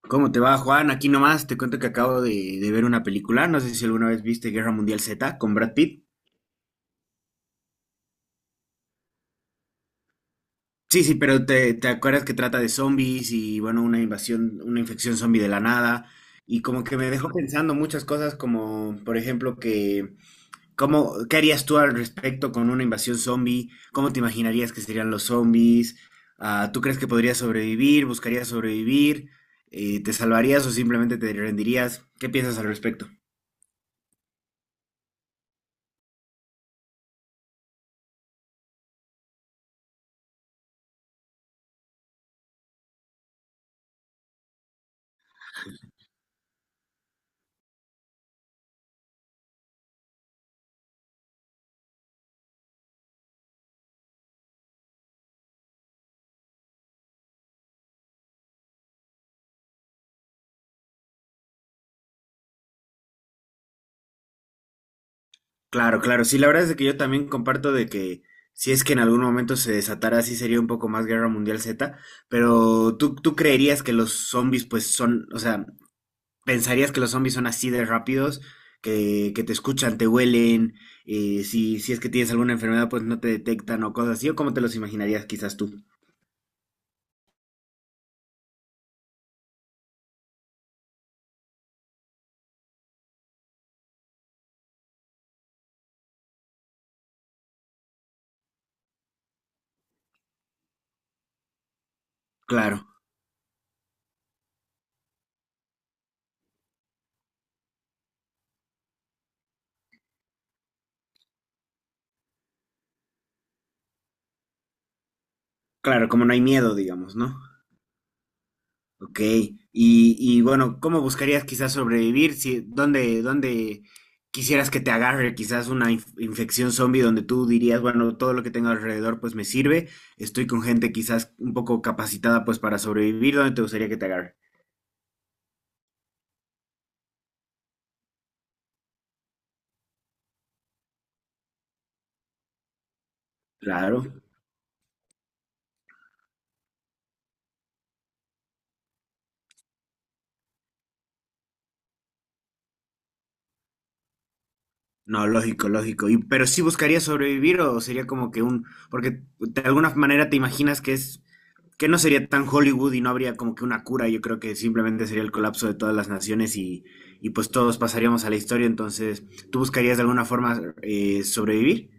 ¿Cómo te va, Juan? Aquí nomás te cuento que acabo de ver una película. No sé si alguna vez viste Guerra Mundial Z con Brad Pitt. Sí, sí, pero te acuerdas que trata de zombies y, bueno, una invasión, una infección zombie de la nada. Y como que me dejó pensando muchas cosas, como, por ejemplo, que, ¿cómo, qué harías tú al respecto con una invasión zombie? ¿Cómo te imaginarías que serían los zombies? Ah, ¿tú crees que podrías sobrevivir? ¿Buscarías sobrevivir? ¿Te salvarías o simplemente te rendirías? ¿Qué piensas al respecto? Claro, claro. Sí, la verdad es de que yo también comparto de que si es que en algún momento se desatara, sí sería un poco más Guerra Mundial Z, pero ¿tú creerías que los zombies pues son, o sea, pensarías que los zombies son así de rápidos, que te escuchan, te huelen, si es que tienes alguna enfermedad pues no te detectan o cosas así, o cómo te los imaginarías quizás tú? Claro, claro, como no hay miedo, digamos, ¿no? Ok, y bueno, ¿cómo buscarías quizás sobrevivir? Si, ¿dónde quisieras que te agarre quizás una infección zombie donde tú dirías, bueno, todo lo que tengo alrededor pues me sirve, estoy con gente quizás un poco capacitada pues para sobrevivir, ¿dónde te gustaría que te agarre? Claro, no, lógico, lógico. Y, pero sí buscarías sobrevivir o sería como que un, porque de alguna manera te imaginas que es que no sería tan Hollywood y no habría como que una cura, yo creo que simplemente sería el colapso de todas las naciones y pues todos pasaríamos a la historia, entonces tú buscarías de alguna forma sobrevivir.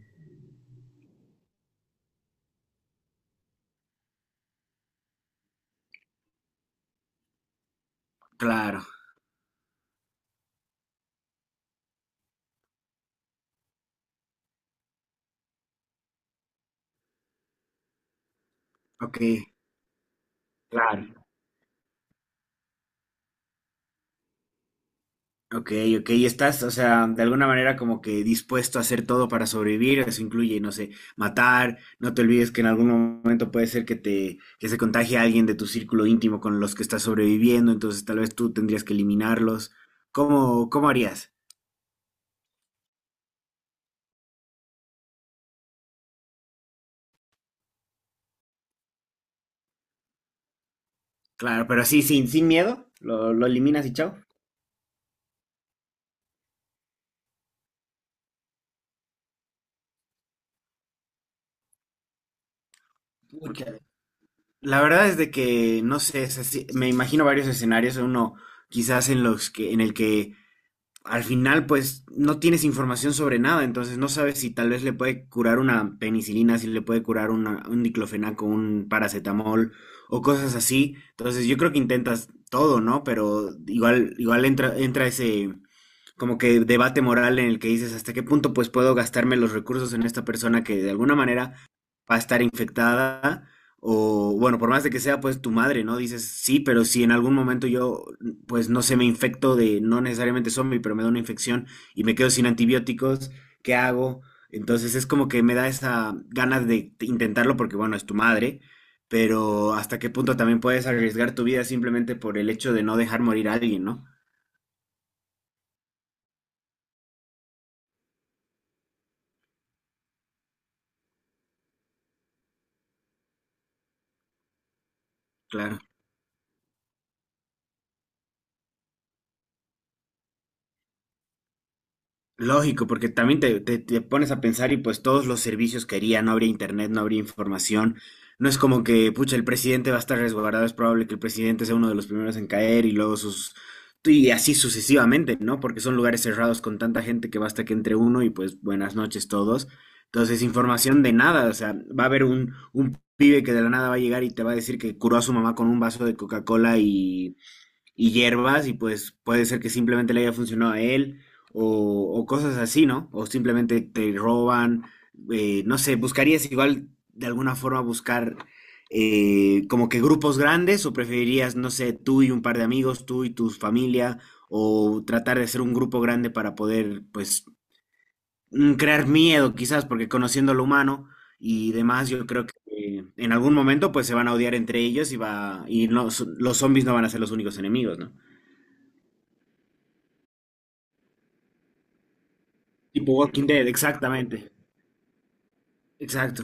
Claro, ok, claro. Ok, ok, y estás, o sea, de alguna manera como que dispuesto a hacer todo para sobrevivir, eso incluye, no sé, matar, no te olvides que en algún momento puede ser que te, que se contagie alguien de tu círculo íntimo con los que estás sobreviviendo, entonces tal vez tú tendrías que eliminarlos. ¿Cómo, cómo harías? Claro, pero sí, sin, sin miedo, lo eliminas y chao. Pucha. Porque la verdad es de que, no sé, me imagino varios escenarios, uno quizás en los que, en el que al final pues no tienes información sobre nada, entonces no sabes si tal vez le puede curar una penicilina, si le puede curar un diclofenaco, un paracetamol o cosas así. Entonces yo creo que intentas todo, ¿no? Pero igual, igual entra, entra ese, como que debate moral en el que dices hasta qué punto pues puedo gastarme los recursos en esta persona que de alguna manera va a estar infectada o bueno, por más de que sea pues tu madre, ¿no? Dices, sí, pero si en algún momento yo pues no sé, me infecto de no necesariamente zombie, pero me da una infección y me quedo sin antibióticos, ¿qué hago? Entonces es como que me da esa ganas de intentarlo porque bueno, es tu madre, pero hasta qué punto también puedes arriesgar tu vida simplemente por el hecho de no dejar morir a alguien, ¿no? Claro. Lógico, porque también te, te pones a pensar y pues todos los servicios que haría, no habría internet, no habría información. No es como que, pucha, el presidente va a estar resguardado, es probable que el presidente sea uno de los primeros en caer y luego sus... Y así sucesivamente, ¿no? Porque son lugares cerrados con tanta gente que basta que entre uno y pues buenas noches todos. Entonces, información de nada, o sea, va a haber un pibe que de la nada va a llegar y te va a decir que curó a su mamá con un vaso de Coca-Cola y hierbas y pues puede ser que simplemente le haya funcionado a él o cosas así, ¿no? O simplemente te roban, no sé, ¿buscarías igual de alguna forma buscar como que grupos grandes o preferirías, no sé, tú y un par de amigos, tú y tu familia o tratar de hacer un grupo grande para poder pues crear miedo quizás porque conociendo lo humano y demás yo creo que en algún momento pues se van a odiar entre ellos y va y no, los zombies no van a ser los únicos enemigos, ¿no? Tipo Walking Dead, exactamente. Exacto.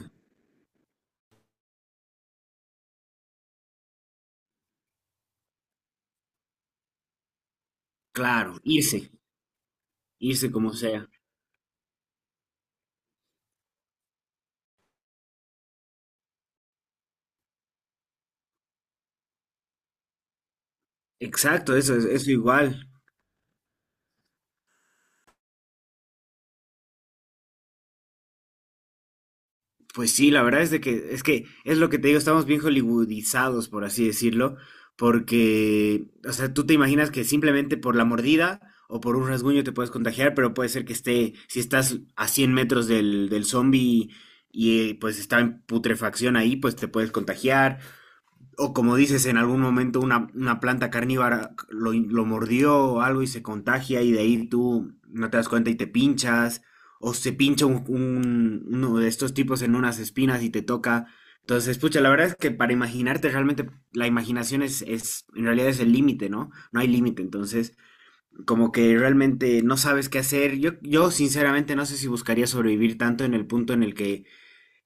Claro, irse, irse como sea. Exacto, eso es eso igual. Pues sí, la verdad es de que es lo que te digo, estamos bien hollywoodizados, por así decirlo, porque o sea, tú te imaginas que simplemente por la mordida o por un rasguño te puedes contagiar, pero puede ser que esté si estás a 100 metros del zombie y pues está en putrefacción ahí, pues te puedes contagiar. O como dices, en algún momento una planta carnívora lo mordió o algo y se contagia y de ahí tú no te das cuenta y te pinchas. O se pincha uno de estos tipos en unas espinas y te toca. Entonces, pucha, la verdad es que para imaginarte realmente, la imaginación es en realidad es el límite, ¿no? No hay límite. Entonces, como que realmente no sabes qué hacer. Yo sinceramente no sé si buscaría sobrevivir tanto en el punto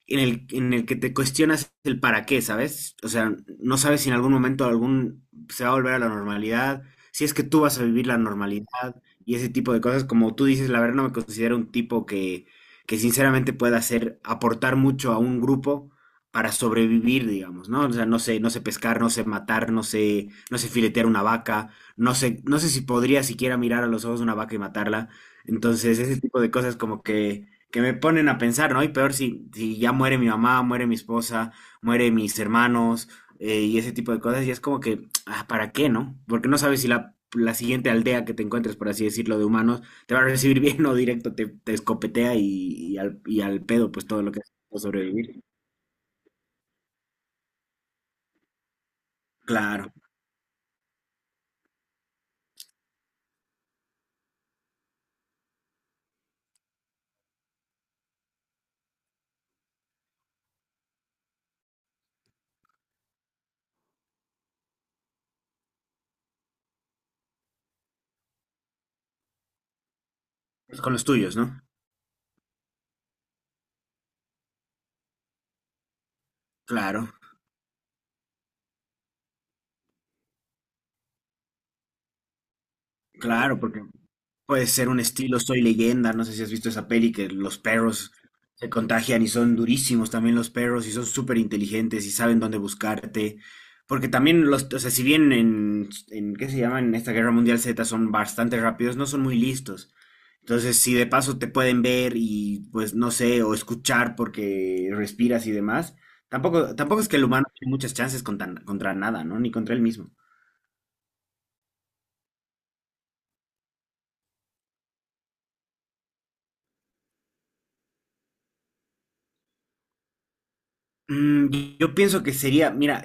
en el que te cuestionas el para qué, ¿sabes? O sea, no sabes si en algún momento algún se va a volver a la normalidad, si es que tú vas a vivir la normalidad y ese tipo de cosas. Como tú dices, la verdad no me considero un tipo que sinceramente pueda hacer, aportar mucho a un grupo para sobrevivir, digamos, ¿no? O sea, no sé, no sé pescar, no sé matar, no sé, no sé filetear una vaca, no sé, no sé si podría siquiera mirar a los ojos de una vaca y matarla. Entonces, ese tipo de cosas como que me ponen a pensar, ¿no? Y peor si, si ya muere mi mamá, muere mi esposa, muere mis hermanos y ese tipo de cosas. Y es como que, ah, ¿para qué, no? Porque no sabes si la, la siguiente aldea que te encuentres, por así decirlo, de humanos, te va a recibir bien o directo te, te escopetea y al pedo, pues todo lo que haces por sobrevivir. Claro, pues, con los tuyos, ¿no? Claro, claro, porque puede ser un estilo Soy Leyenda, no sé si has visto esa peli que los perros se contagian y son durísimos también los perros y son súper inteligentes y saben dónde buscarte. Porque también los, o sea, si bien en, ¿qué se llama? En esta Guerra Mundial Z son bastante rápidos, no son muy listos. Entonces, si de paso te pueden ver y pues no sé, o escuchar porque respiras y demás, tampoco, tampoco es que el humano tiene muchas chances contra, contra nada, ¿no? Ni contra él mismo. Mm, yo pienso que sería, mira,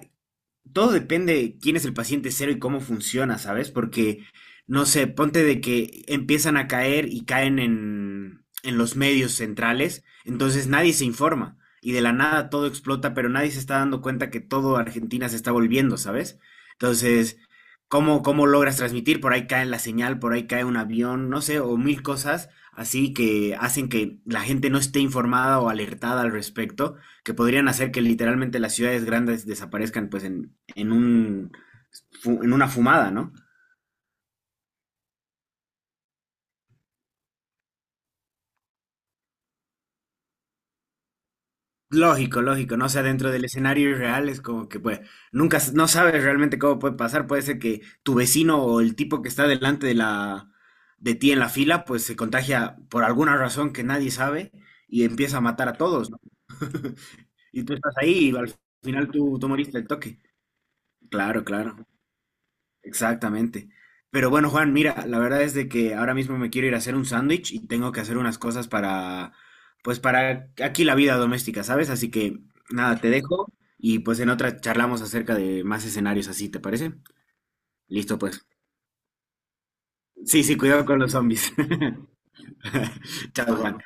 todo depende de quién es el paciente cero y cómo funciona, ¿sabes? Porque, no sé, ponte de que empiezan a caer y caen en los medios centrales, entonces nadie se informa y de la nada todo explota, pero nadie se está dando cuenta que todo Argentina se está volviendo, ¿sabes? Entonces, ¿cómo, cómo logras transmitir? Por ahí cae la señal, por ahí cae un avión, no sé, o mil cosas así que hacen que la gente no esté informada o alertada al respecto que podrían hacer que literalmente las ciudades grandes desaparezcan pues en, un, en una fumada, ¿no? Lógico, lógico, ¿no? O sea, dentro del escenario irreal es como que, pues, nunca, no sabes realmente cómo puede pasar. Puede ser que tu vecino o el tipo que está delante de la, de ti en la fila, pues se contagia por alguna razón que nadie sabe y empieza a matar a todos, ¿no? Y tú estás ahí y al final tú, tú moriste el toque. Claro, claro. Exactamente. Pero bueno, Juan, mira, la verdad es de que ahora mismo me quiero ir a hacer un sándwich y tengo que hacer unas cosas para, pues para aquí la vida doméstica, ¿sabes? Así que nada, te dejo y pues en otra charlamos acerca de más escenarios así, ¿te parece? Listo, pues. Sí, sí, cuidado con los zombies. Chao, Juan.